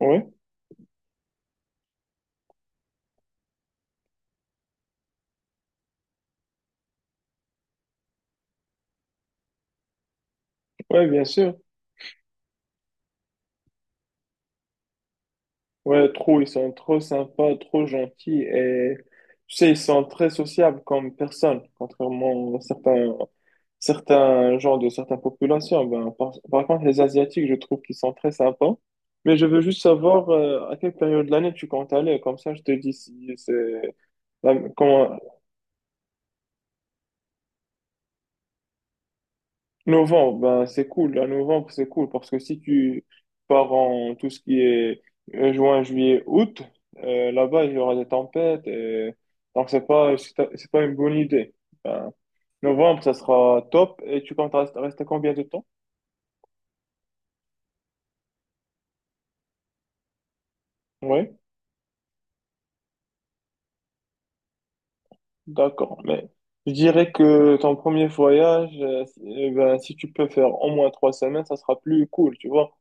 Ouais, ouais, bien sûr. Ouais, trop, ils sont trop sympas, trop gentils et tu sais, ils sont très sociables comme personnes, contrairement à certains, genres de certaines populations. Ben, par contre, les Asiatiques, je trouve qu'ils sont très sympas. Mais je veux juste savoir à quelle période de l'année tu comptes aller, comme ça je te dis si c'est la- comment- Novembre, ben c'est cool. À novembre, c'est cool parce que si tu pars en tout ce qui est juin, juillet, août, là-bas, il y aura des tempêtes. Donc, c'est pas une bonne idée. Ben, novembre, ça sera top. Et tu comptes rester, combien de temps? Oui, d'accord. Mais je dirais que ton premier voyage, si eh ben, si tu peux faire au moins 3 semaines, ça sera plus cool, tu vois.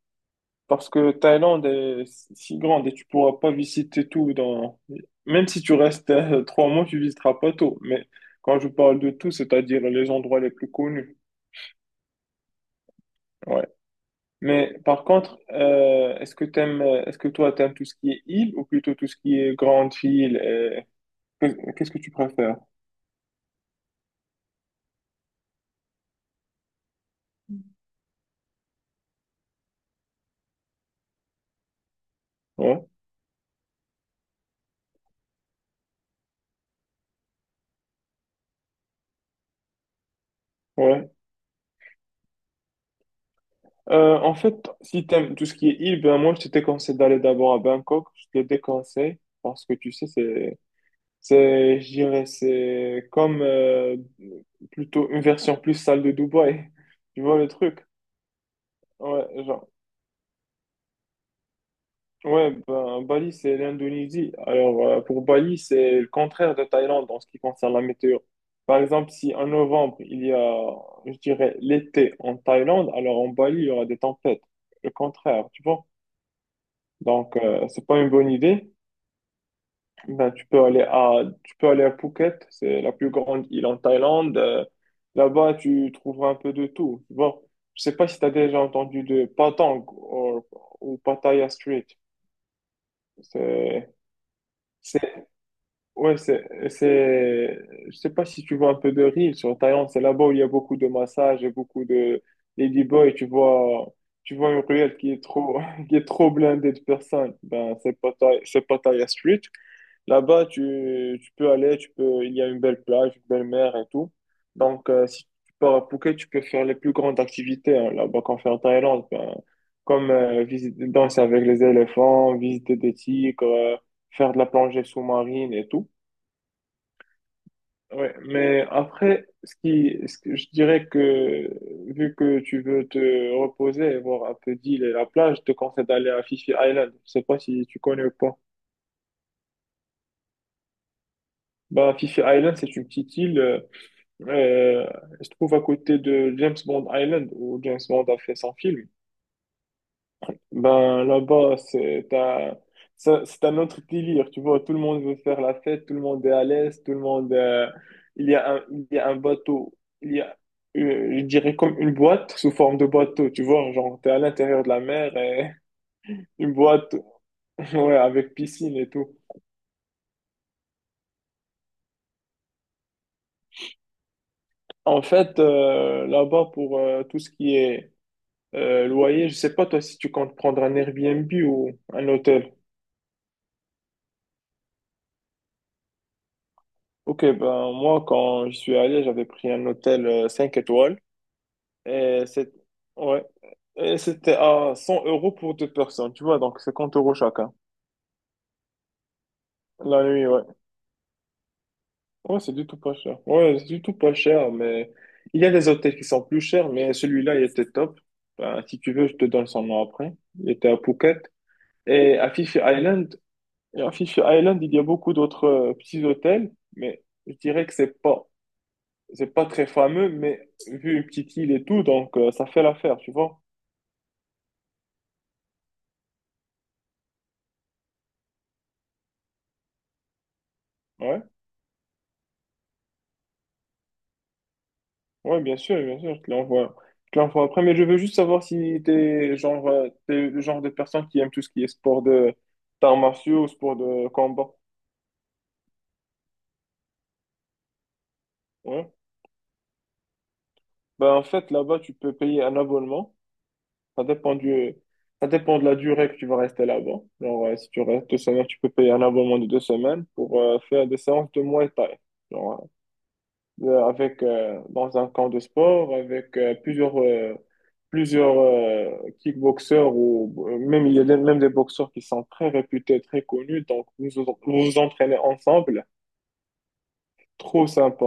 Parce que Thaïlande est si grande et tu pourras pas visiter tout. Dans... Même si tu restes 3 mois, tu visiteras pas tout. Mais quand je parle de tout, c'est-à-dire les endroits les plus connus. Ouais. Mais par contre, est-ce que toi, t'aimes tout ce qui est île ou plutôt tout ce qui est grande île. Et... Qu'est-ce que tu préfères? Ouais. Ouais. En fait, si t'aimes tout ce qui est île, ben moi, je te déconseille d'aller d'abord à Bangkok. Je te déconseille parce que tu sais, c'est, je dirais, c'est comme plutôt une version plus sale de Dubaï. Tu vois le truc? Ouais, genre, ouais, ben, Bali, c'est l'Indonésie. Alors, pour Bali, c'est le contraire de Thaïlande en ce qui concerne la météo. Par exemple, si en novembre, il y a, je dirais, l'été en Thaïlande, alors en Bali, il y aura des tempêtes. Le contraire, tu vois? Donc, c'est pas une bonne idée. Ben, tu peux aller à Phuket, c'est la plus grande île en Thaïlande. Là-bas, tu trouveras un peu de tout. Bon, je sais pas si tu as déjà entendu de Patong ou Pattaya Street. C'est, c'est, ouais, je sais pas si tu vois un peu de riz sur Thaïlande. C'est là-bas où il y a beaucoup de massages et beaucoup de ladyboys. Tu vois une ruelle qui est trop, qui est trop blindée de personnes. Ben, c'est Pattaya Street. Là-bas, tu peux aller, il y a une belle plage, une belle mer et tout. Donc, si tu pars à Phuket, tu peux faire les plus grandes activités hein, là-bas qu'on fait en Thaïlande, ben, comme visiter, danser avec les éléphants, visiter des tigres, faire de la plongée sous-marine et tout. Ouais, mais après, ce que je dirais, que vu que tu veux te reposer et voir un peu d'île et la plage, je te conseille d'aller à Phi Phi Island. Je sais pas si tu connais ou pas. Bah, Phi Phi Island, c'est une petite île. Euh, je trouve, à côté de James Bond Island où James Bond a fait son film. Ben là-bas, c'est un autre délire, tu vois. Tout le monde veut faire la fête, tout le monde est à l'aise. Tout le monde. Il y a un, Il y a un bateau, il y a, je dirais comme une boîte sous forme de bateau, tu vois. Genre, t'es à l'intérieur de la mer et une boîte, ouais, avec piscine et tout. En fait, là-bas, pour tout ce qui est loyer, je sais pas toi si tu comptes prendre un Airbnb ou un hôtel. Ok, ben moi quand je suis allé, j'avais pris un hôtel 5 étoiles et c'est ouais, et c'était à 100 € pour deux personnes, tu vois, donc 50 € chacun. La nuit, ouais. Ouais, c'est du tout pas cher. Ouais, c'est du tout pas cher, mais il y a des hôtels qui sont plus chers, mais celui-là, il était top. Ben, si tu veux, je te donne son nom après. Il était à Phuket. Et à Fifi Island, Et à Fisher Island, il y a beaucoup d'autres petits hôtels, mais je dirais que c'est pas très fameux, mais vu une petite île et tout, donc ça fait l'affaire, tu vois. Ouais, ouais, bien sûr, je te l'envoie. Je te l'envoie après, mais je veux juste savoir si t'es genre, t'es le genre de personne qui aime tout ce qui est sport de d'arts martiaux ou sport de combat. Ouais. Ben, en fait, là-bas, tu peux payer un abonnement. Ça dépend du, Ça dépend de la durée que tu vas rester là-bas. Genre, si tu restes 2 semaines, tu peux payer un abonnement de 2 semaines pour faire des séances de Muay Thai. Genre, ouais. Avec, dans un camp de sport, avec plusieurs kickboxeurs ou même, il y a des- même des boxeurs qui sont très réputés, très connus. Donc, vous vous entraînez ensemble. Trop sympa.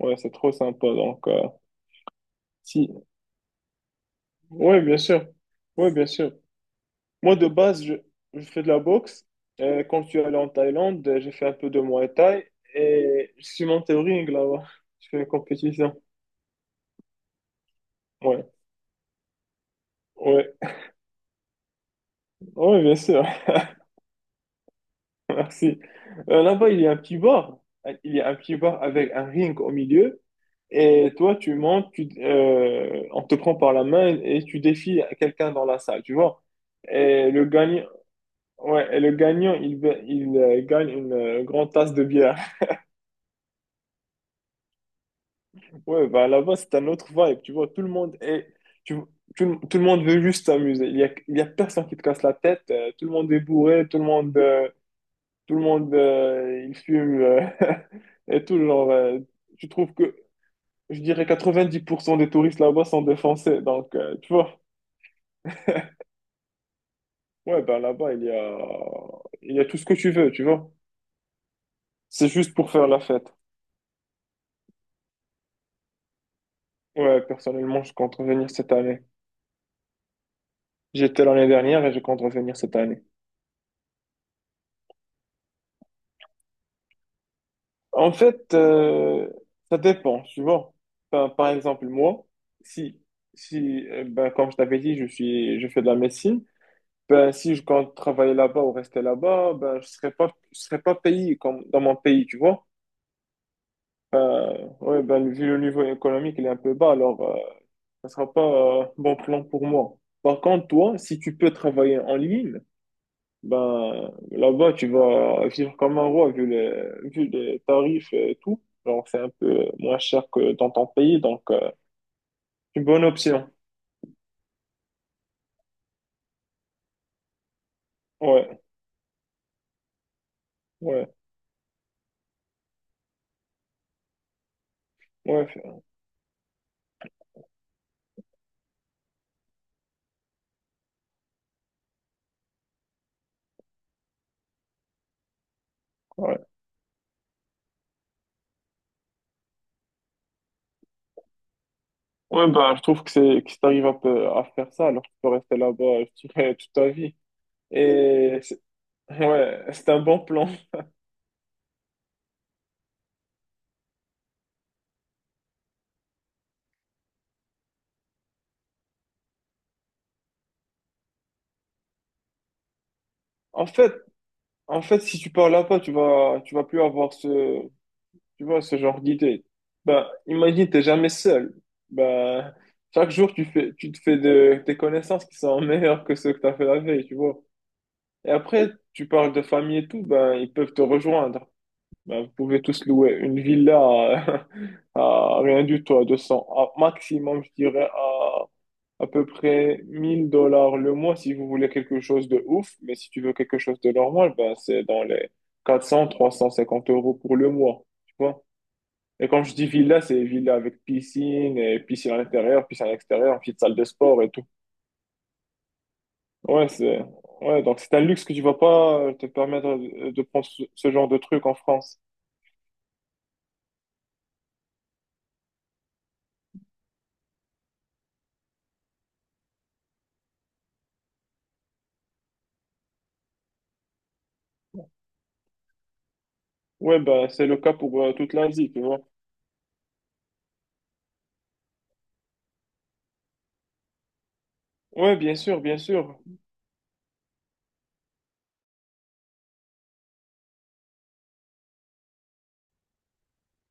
Ouais, c'est trop sympa. Donc, si, ouais, bien sûr. Ouais, bien sûr. Moi, de base, je fais de la boxe. Quand je suis allé en Thaïlande, j'ai fait un peu de Muay Thai et je suis monté au ring là-bas. Je fais une compétition. Ouais, ouais, ouais, bien sûr. Merci. Là-bas, il y a un petit bar. Il y a un petit bar avec un ring au milieu. Et toi, tu montes, on te prend par la main et tu défies quelqu'un dans la salle, tu vois. Et le gagnant, ouais, et le gagnant, il gagne une grande tasse de bière. Ouais, bah là-bas, c'est un autre vibe, tu vois, tu, tout le monde veut juste s'amuser. Il y a personne qui te casse la tête, tout le monde est bourré, il fume, et tout, genre, tu trouves que, je dirais, 90% des touristes là-bas sont des Français, donc, tu vois, ouais, bah là-bas, il y a tout ce que tu veux, tu vois. C'est juste pour faire la fête. Ouais, personnellement, je compte revenir cette année. J'étais l'année dernière et je compte revenir cette année. En fait, ça dépend, tu vois. Enfin, par exemple, moi, si, si ben, comme je t'avais dit, je fais de la médecine, ben, si je compte travailler là-bas ou rester là-bas, ben, je serais pas payé comme dans mon pays, tu vois. Ouais, ben, vu le niveau économique, il est un peu bas, alors ça sera pas bon plan pour moi. Par contre, toi, si tu peux travailler en ligne, ben, là-bas, tu vas vivre comme un roi vu les tarifs et tout. Genre, c'est un peu moins cher que dans ton pays, donc une bonne option. Ouais, ouais, ouais, ouais. Ouais, ben, je trouve que c'est que si t'arrives un peu à faire ça, alors tu peux rester là-bas, je dirais, toute ta vie. Et c'est- ouais, c'est un bon plan. En fait, En fait, si tu pars là-bas, tu vas plus avoir tu vois, ce genre d'idée. Bah, imagine, t'es jamais seul. Bah, chaque jour, tu te fais des connaissances qui sont meilleures que ceux que t'as fait la veille, tu vois. Et après, tu parles de famille et tout, ben, ils peuvent te rejoindre. Ben, vous pouvez tous louer une villa à, à rien du tout, à 200, à maximum, je dirais, à peu près 1 000 dollars le mois si vous voulez quelque chose de ouf. Mais si tu veux quelque chose de normal, ben, c'est dans les 400, 350 € pour le mois, tu vois. Et quand je dis villa, c'est villa avec piscine, et piscine à l'intérieur, piscine à l'extérieur, petite salle de sport et tout. Ouais, ouais, donc c'est un luxe que tu vas pas te permettre de prendre ce genre de truc en France. Ouais, bah, c'est le cas pour toute l'Asie, tu vois. Ouais, bien sûr, bien sûr.